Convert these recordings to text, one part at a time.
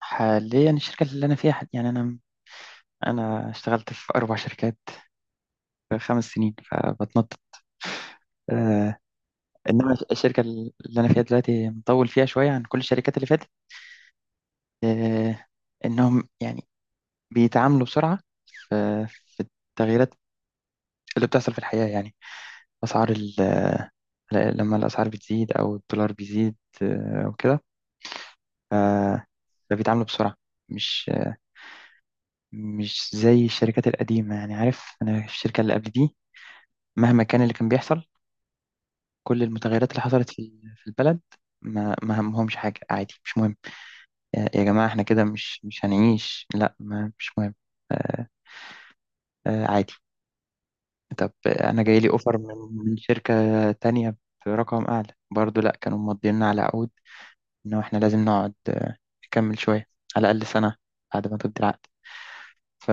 حاليا الشركة اللي أنا فيها يعني أنا اشتغلت في أربع شركات في خمس سنين فبتنطط. آه إنما الشركة اللي أنا فيها دلوقتي مطول فيها شوية عن كل الشركات اللي فاتت. آه إنهم يعني بيتعاملوا بسرعة في, في التغييرات اللي بتحصل في الحياة يعني أسعار ال لما الأسعار بتزيد أو الدولار بيزيد، أو كده، ف- فبيتعاملوا بسرعة، مش مش زي الشركات القديمة. يعني عارف أنا في الشركة اللي قبل دي مهما كان اللي كان بيحصل، كل المتغيرات اللي حصلت في البلد، ما همهمش حاجة. عادي، مش مهم. يا جماعة احنا كده مش هنعيش، لا، ما مش مهم. آه آه، عادي. طب انا جاي لي اوفر من من شركة تانية برقم اعلى، برضو لا كانوا مضينا على عقود انه احنا لازم نقعد، نكمل شوية على الاقل سنة بعد ما تبدي العقد. ف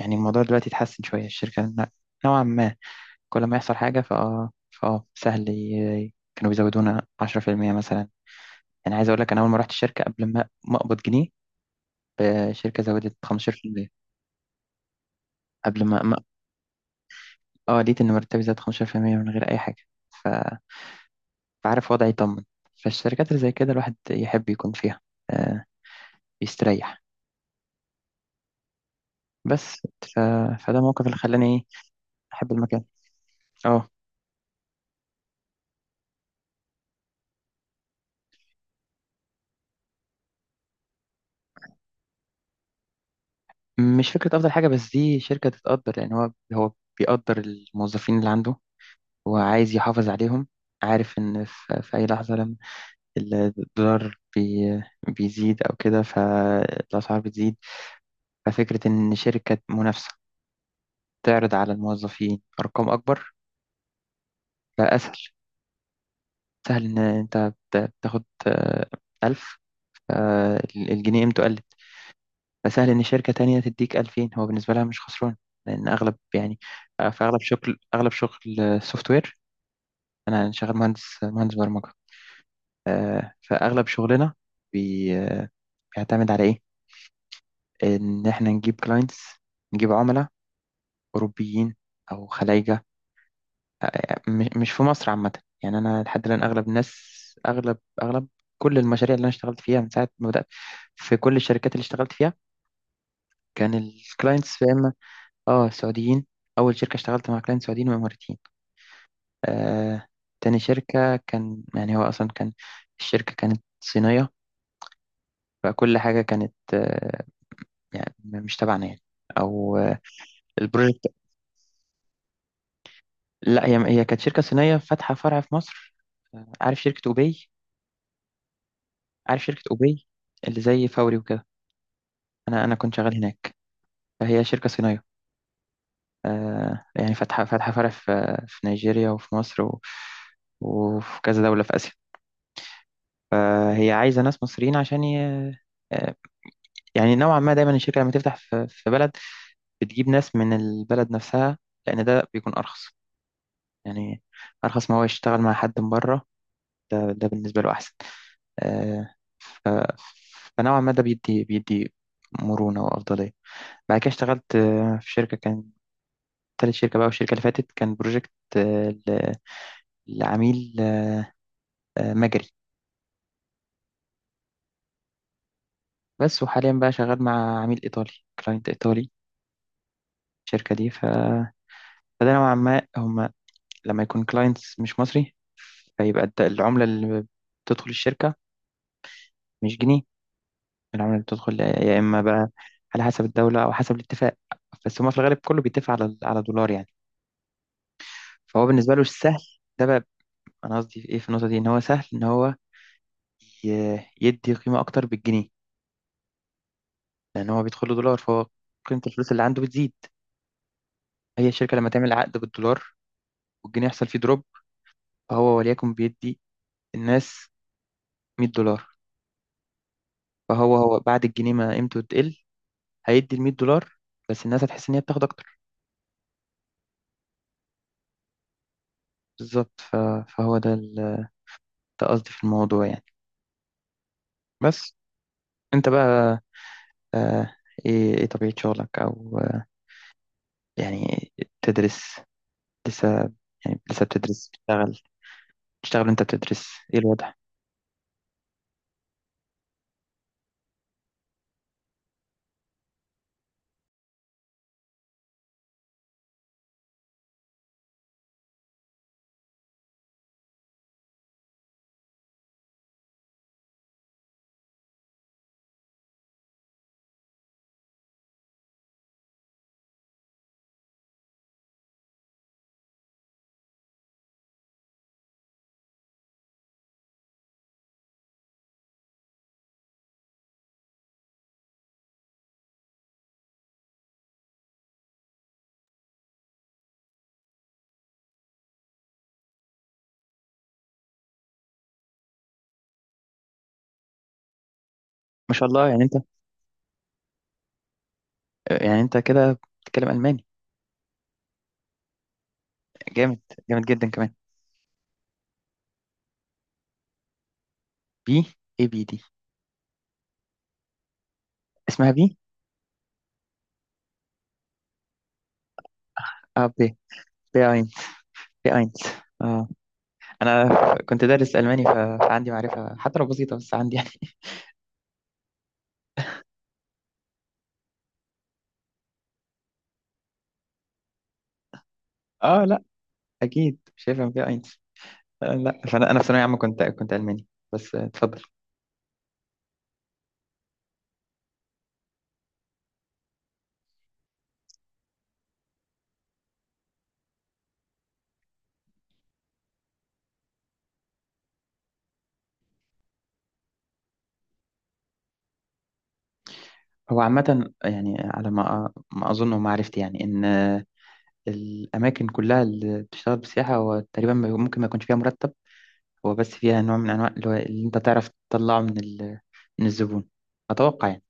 يعني الموضوع دلوقتي اتحسن شوية. الشركة نوعا ما كل ما يحصل حاجة فاه فاه سهل، كانوا بيزودونا 10% مثلا. يعني عايز اقول لك، انا اول ما رحت الشركه قبل ما اقبض جنيه، الشركه زودت 15% قبل ما, ما اه لقيت ان مرتبي زاد 15% من غير اي حاجه. ف... فعارف وضعي يطمن. فالشركات اللي زي كده الواحد يحب يكون فيها. آه يستريح بس. ف... فده الموقف اللي خلاني ايه، احب المكان. اه، مش فكره افضل حاجه، بس دي شركه تتقدر. يعني هو بيقدر الموظفين اللي عنده، هو عايز يحافظ عليهم. عارف ان في اي لحظه الدولار بيزيد أو كده فالأسعار بتزيد. ففكرة إن شركة منافسة تعرض على الموظفين أرقام أكبر فأسهل. سهل إن أنت بتاخد ألف، الجنيه قيمته قلت، فسهل إن شركة تانية تديك ألفين. هو بالنسبة لها مش خسران، لأن أغلب يعني في أغلب شغل، أغلب شغل سوفت وير. أنا شغال مهندس برمجة. فأغلب شغلنا بي- آه، بيعتمد على إيه؟ ان احنا نجيب كلاينتس، نجيب عملاء اوروبيين او خلايجه، مش في مصر عامه. يعني انا لحد الان اغلب الناس، اغلب كل المشاريع اللي انا اشتغلت فيها من ساعه ما بدات في كل الشركات اللي اشتغلت فيها، كان الكلاينتس يا اما اه سعوديين. اول شركه اشتغلت مع كلاينت سعوديين واماراتيين. آه تاني شركه كان، يعني هو اصلا كان الشركه كانت صينيه، فكل حاجه كانت يعني مش تبعنا يعني، او البروجكت. لا، هي كانت شركة صينية فاتحة فرع في مصر. عارف شركة أوباي؟ عارف شركة أوباي اللي زي فوري وكده؟ أنا كنت شغال هناك. فهي شركة صينية، يعني فاتحة فرع في نيجيريا وفي مصر و... وفي كذا دولة في آسيا. فهي عايزة ناس مصريين عشان ي... آه، يعني نوعا ما دايما الشركة لما تفتح في بلد بتجيب ناس من البلد نفسها، لأن ده بيكون أرخص يعني. أرخص ما هو يشتغل مع حد من بره، ده بالنسبة له أحسن. آه، فنوعا ما ده بيدي مرونة وأفضلية. بعد كده اشتغلت في شركة، كان تالت شركة بقى. والشركة اللي فاتت كان بروجكت لعميل مجري بس. وحاليا بقى شغال مع عميل إيطالي، كلاينت إيطالي. الشركة دي فده نوعا ما هما، لما يكون كلاينتس مش مصري، فيبقى العملة اللي بتدخل الشركة مش جنيه. العملة اللي بتدخل يا إما بقى على حسب الدولة أو حسب الاتفاق، بس هما في الغالب كله بيتفق على على دولار يعني. فهو بالنسبة له سهل. ده بقى، انا قصدي في ايه في النقطه دي، ان هو سهل ان هو يدي قيمه اكتر بالجنيه، لان هو بيدخل له دولار، فهو قيمه الفلوس اللي عنده بتزيد. هي الشركه لما تعمل عقد بالدولار والجنيه يحصل فيه دروب، فهو وليكن بيدي الناس 100 دولار، فهو هو بعد الجنيه ما قيمته تقل هيدي ال 100 دولار، بس الناس هتحس ان هي بتاخد اكتر. بالظبط. فهو ده ده قصدي في الموضوع يعني. بس انت بقى، آه، ايه طبيعه شغلك او يعني تدرس لسه؟ يعني لسه بتدرس بتشتغل؟ تشتغل وانت بتدرس؟ ايه الوضع؟ ما شاء الله، يعني انت، يعني انت كده بتتكلم الماني؟ جامد، جامد جدا كمان. بي اي بي دي، اسمها بي، اه بي، بي اينز. بي اينز، اه. انا كنت دارس الماني، فعندي معرفه حتى لو بسيطه، بس عندي يعني اه لا، اكيد مش هيفهم بي اينز. لا، فانا في ثانويه عامه كنت كنت الماني، بس اتفضل. هو عامه يعني على ما اظن ومعرفتي يعني، ان الاماكن كلها اللي بتشتغل بالسياحه هو تقريبا ممكن ما يكونش فيها مرتب، هو بس فيها نوع من أنواع اللي هو اللي أنت تعرف تطلعه من ال... من الزبون، أتوقع يعني.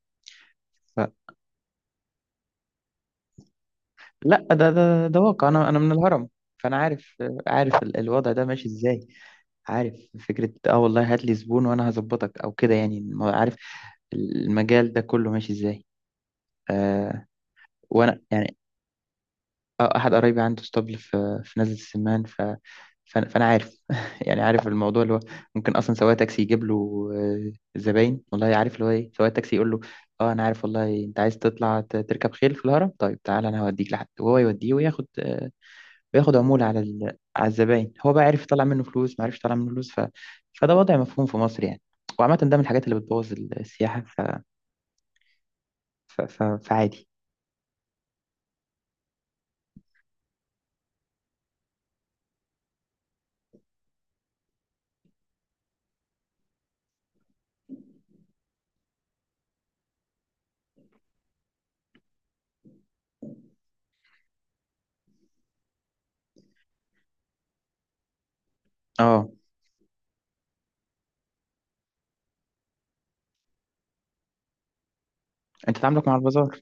فلا، ده واقع. أنا من الهرم، فأنا عارف، عارف الوضع ده ماشي إزاي. عارف فكرة آه والله هات لي زبون وأنا هظبطك أو كده يعني، عارف المجال ده كله ماشي إزاي. آه وأنا يعني، أحد قرايبي عنده اسطبل في نزلة السمان، ف... فأنا فأنا عارف يعني، عارف الموضوع اللي هو ممكن أصلا سواق تاكسي يجيب له، زباين. والله عارف اللي هو إيه، سواق تاكسي يقول له أه، أنا عارف والله، أنت عايز تطلع تركب خيل في الهرم؟ طيب تعالى أنا هوديك لحد، وهو يوديه وياخد وياخد عمولة على ال... على الزباين. هو بقى عرف يطلع منه فلوس، ما عرفش يطلع منه فلوس. فده وضع مفهوم في مصر يعني، وعامة ده من الحاجات اللي بتبوظ السياحة. فعادي. أه، أنت تعاملك مع البازار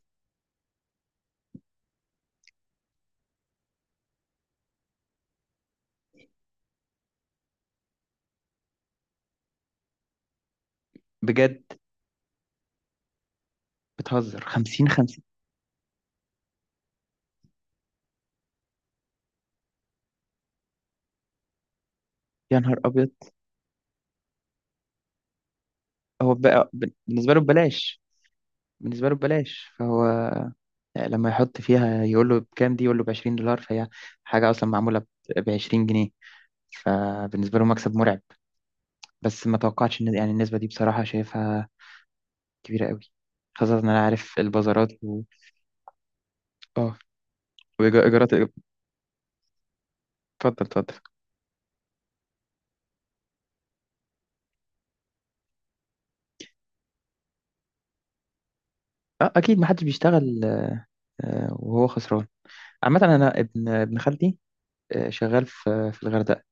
بجد؟ بتهزر! 50 50؟ يا نهار أبيض! هو بقى بالنسبة له ببلاش، بالنسبة له ببلاش، فهو لما يحط فيها يقول له بكام دي، يقول له ب 20 دولار، فهي حاجة أصلا معمولة ب 20 جنيه، فبالنسبة له مكسب مرعب. بس ما توقعتش إن يعني النسبة دي بصراحة شايفها كبيرة قوي، خاصة إن أنا عارف البازارات و آه وإيجارات. اتفضل، اتفضل. أكيد، ما حدش بيشتغل وهو خسران. عامة، أنا ابن خالتي شغال في الغردقة،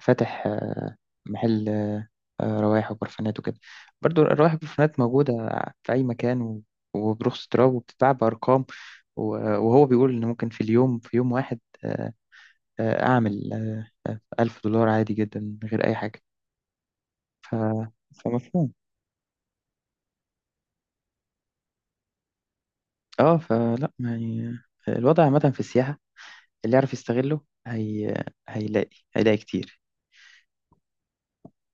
فاتح محل روايح وبرفانات وكده. برضو الروايح والبرفانات موجودة في أي مكان، وبرخص تراب وبتتباع بأرقام، و- وهو بيقول إن ممكن في اليوم، في يوم واحد، آه، أعمل ألف دولار عادي جدا من غير أي حاجة. ف... فمفهوم. اه، فلا يعني، الوضع عامة في السياحة اللي يعرف يستغله هيلاقي كتير.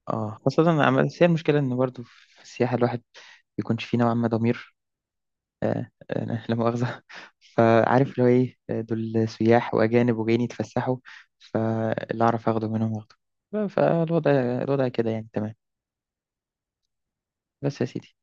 اه، خاصة بس هي المشكلة إن برضو في السياحة الواحد بيكونش فيه نوعا ما ضمير، لا مؤاخذة. فعارف اللي هو إيه، دول سياح وأجانب وجايين يتفسحوا، فاللي أعرف أخده منهم أخده. ف- فالوضع الوضع كده يعني تمام. بس يا سيدي.